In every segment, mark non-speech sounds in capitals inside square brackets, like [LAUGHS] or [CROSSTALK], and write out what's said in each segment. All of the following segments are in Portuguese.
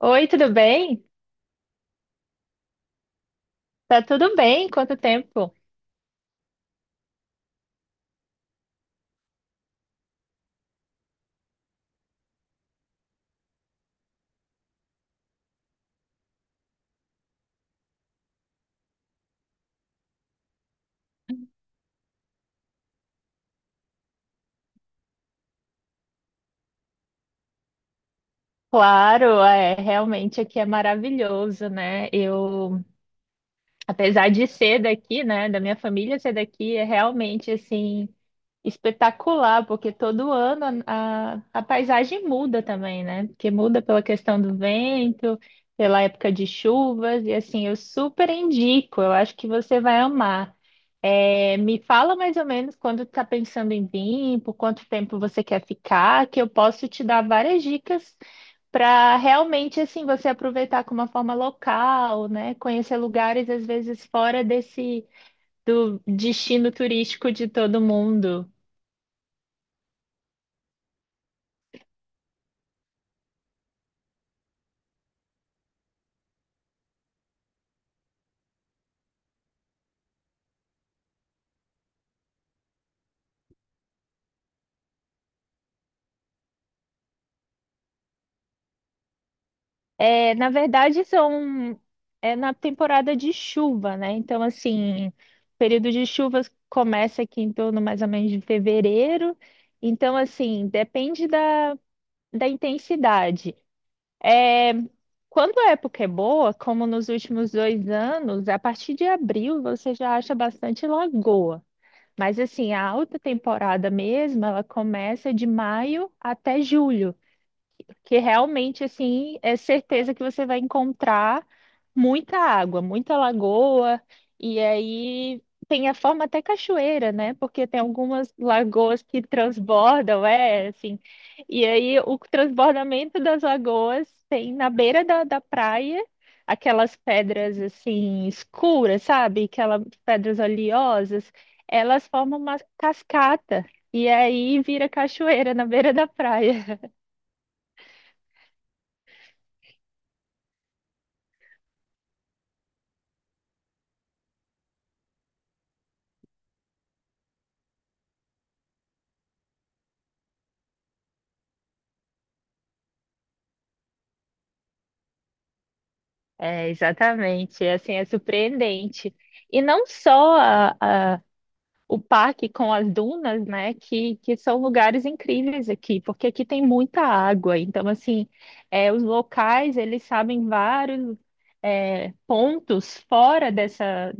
Oi, tudo bem? Tá tudo bem? Quanto tempo? Claro, é, realmente aqui é maravilhoso, né? Eu Apesar de ser daqui, né, da minha família ser daqui, é realmente assim espetacular, porque todo ano a paisagem muda também, né? Porque muda pela questão do vento, pela época de chuvas, e assim, eu super indico, eu acho que você vai amar. É, me fala mais ou menos quando está pensando em vir, por quanto tempo você quer ficar, que eu posso te dar várias dicas para realmente assim você aproveitar com uma forma local, né? Conhecer lugares às vezes fora desse do destino turístico de todo mundo. É, na verdade são é na temporada de chuva, né? Então assim, o período de chuvas começa aqui em torno mais ou menos de fevereiro. Então assim, depende da intensidade. Quando a época é boa, como nos últimos dois anos, a partir de abril você já acha bastante lagoa. Mas assim, a alta temporada mesmo, ela começa de maio até julho que realmente assim é certeza que você vai encontrar muita água, muita lagoa, e aí tem a forma até cachoeira, né? Porque tem algumas lagoas que transbordam, é assim. E aí o transbordamento das lagoas tem na beira da praia aquelas pedras assim escuras, sabe? Aquelas pedras oleosas, elas formam uma cascata. E aí vira cachoeira na beira da praia. É, exatamente. É, assim, é surpreendente. E não só o parque com as dunas, né, que são lugares incríveis aqui, porque aqui tem muita água. Então, assim, é, os locais, eles sabem vários é, pontos fora dessa,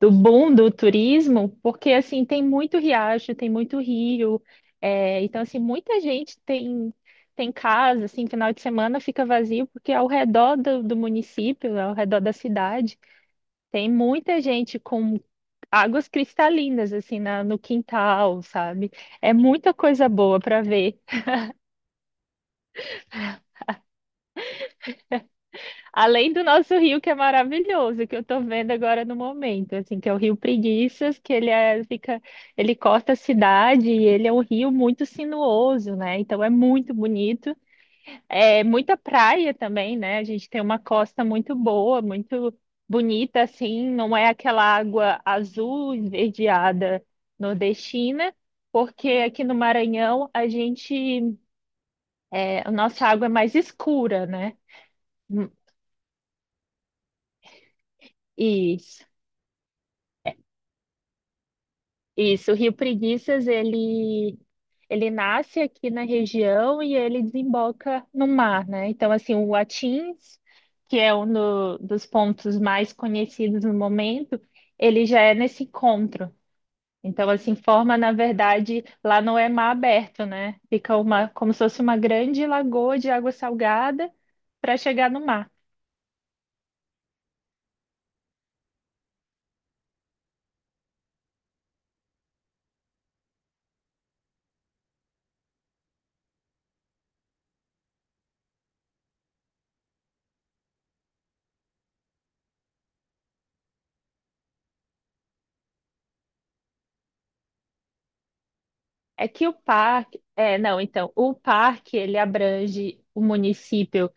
do boom do turismo, porque assim tem muito riacho, tem muito rio, é, então assim muita gente tem casa, assim final de semana fica vazio porque ao redor do município, ao redor da cidade, tem muita gente com águas cristalinas assim no quintal, sabe? É muita coisa boa para ver. Além do nosso rio, que é maravilhoso, que eu tô vendo agora no momento, assim, que é o Rio Preguiças, que fica, ele corta a cidade e ele é um rio muito sinuoso, né? Então é muito bonito. É muita praia também, né? A gente tem uma costa muito boa, muito bonita, assim, não é aquela água azul esverdeada nordestina, porque aqui no Maranhão a gente, é, a nossa água é mais escura, né? Hum. Isso. Isso, o Rio Preguiças, ele nasce aqui na região e ele desemboca no mar, né? Então, assim, o Atins, que é um dos pontos mais conhecidos no momento, ele já é nesse encontro. Então, assim, forma, na verdade, lá não é mar aberto, né? Fica uma, como se fosse uma grande lagoa de água salgada para chegar no mar. É que o parque, é, não, então, o parque, ele abrange o município.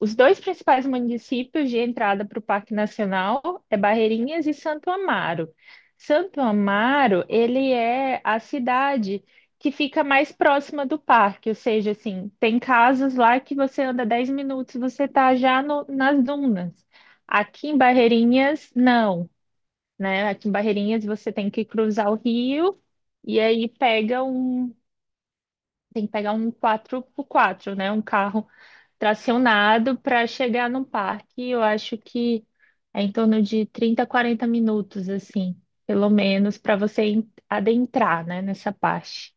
Os dois principais municípios de entrada para o Parque Nacional é Barreirinhas e Santo Amaro. Santo Amaro, ele é a cidade que fica mais próxima do parque, ou seja, assim, tem casas lá que você anda 10 minutos, você está já nas dunas. Aqui em Barreirinhas, não, né? Aqui em Barreirinhas você tem que cruzar o rio e aí tem que pegar um 4x4, né? Um carro tracionado para chegar no parque, eu acho que é em torno de 30, 40 minutos, assim, pelo menos, para você adentrar, né, nessa parte.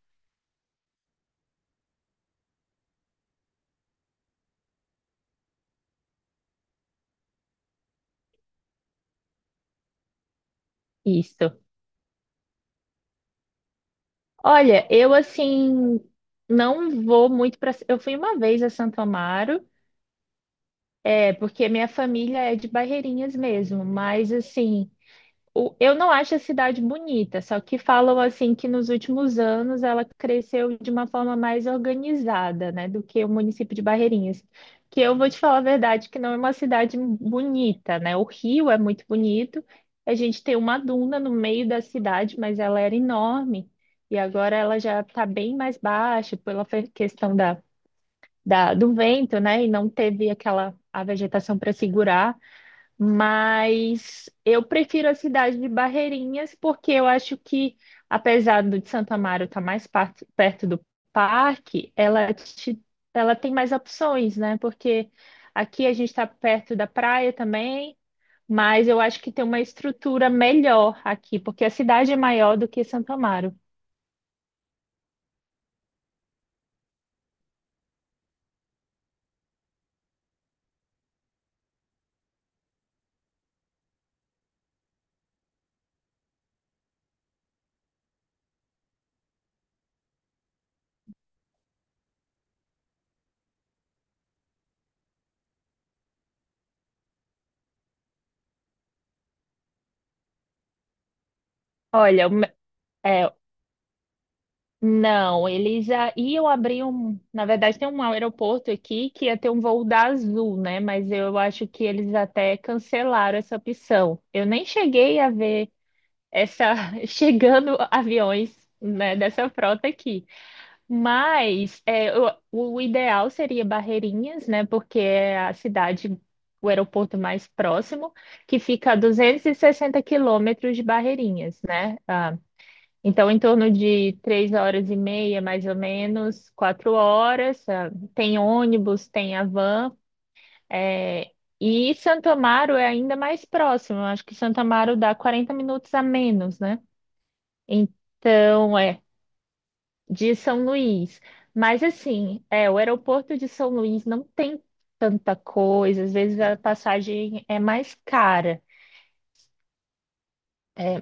Isso. Olha, eu assim não vou muito para. Eu fui uma vez a Santo Amaro, é porque minha família é de Barreirinhas mesmo, mas assim, eu não acho a cidade bonita, só que falam assim que nos últimos anos ela cresceu de uma forma mais organizada, né, do que o município de Barreirinhas. Que eu vou te falar a verdade, que não é uma cidade bonita, né? O rio é muito bonito. A gente tem uma duna no meio da cidade, mas ela era enorme e agora ela já está bem mais baixa pela questão do vento, né? E não teve aquela a vegetação para segurar. Mas eu prefiro a cidade de Barreirinhas, porque eu acho que, apesar do de Santo Amaro estar perto do parque, ela tem mais opções, né? Porque aqui a gente está perto da praia também, mas eu acho que tem uma estrutura melhor aqui, porque a cidade é maior do que Santo Amaro. Olha, é, não, eles já iam abrir um. Na verdade, tem um aeroporto aqui que ia ter um voo da Azul, né? Mas eu acho que eles até cancelaram essa opção. Eu nem cheguei a ver essa [LAUGHS] chegando aviões, né, dessa frota aqui. Mas é, o ideal seria Barreirinhas, né? Porque é a cidade, o aeroporto mais próximo, que fica a 260 quilômetros de Barreirinhas, né? Ah, então, em torno de três horas e meia, mais ou menos, quatro horas. Tem ônibus, tem a van. É, e Santo Amaro é ainda mais próximo. Eu Acho que Santo Amaro dá 40 minutos a menos, né? Então, é de São Luís. Mas, assim, é, o aeroporto de São Luís não tem tanta coisa. Às vezes a passagem é mais cara.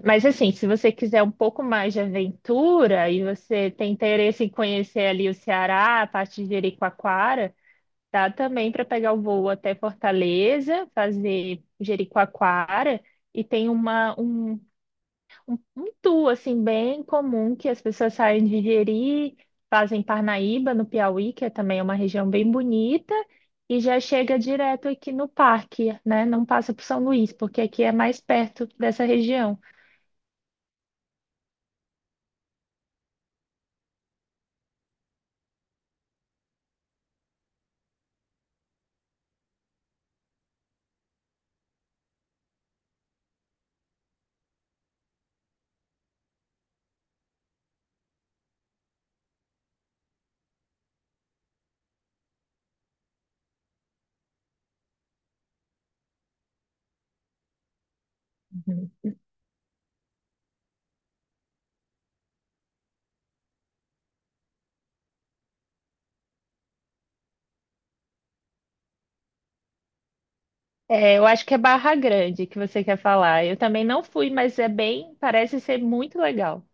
Mas assim, se você quiser um pouco mais de aventura e você tem interesse em conhecer ali o Ceará, a parte de Jericoacoara, dá também para pegar o voo até Fortaleza, fazer Jericoacoara e tem uma um, um tour assim bem comum que as pessoas saem de Jeri, fazem Parnaíba no Piauí, que é também uma região bem bonita. E já chega direto aqui no parque, né? Não passa por São Luís, porque aqui é mais perto dessa região. É, eu acho que é Barra Grande que você quer falar. Eu também não fui, mas é bem, parece ser muito legal.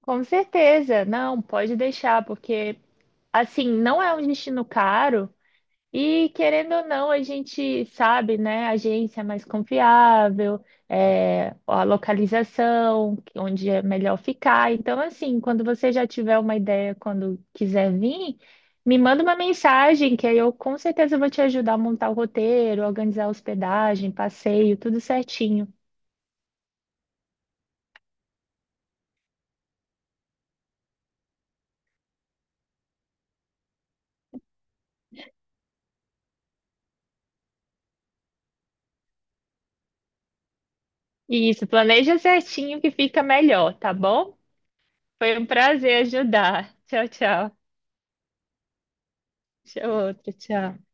Com certeza, não, pode deixar, porque assim, não é um destino caro. E querendo ou não, a gente sabe, né? A agência é mais confiável, é, a localização, onde é melhor ficar. Então, assim, quando você já tiver uma ideia, quando quiser vir, me manda uma mensagem, que aí eu com certeza vou te ajudar a montar o roteiro, organizar a hospedagem, passeio, tudo certinho. Isso, planeja certinho que fica melhor, tá bom? Foi um prazer ajudar. Tchau, tchau. Tchau, outro, tchau.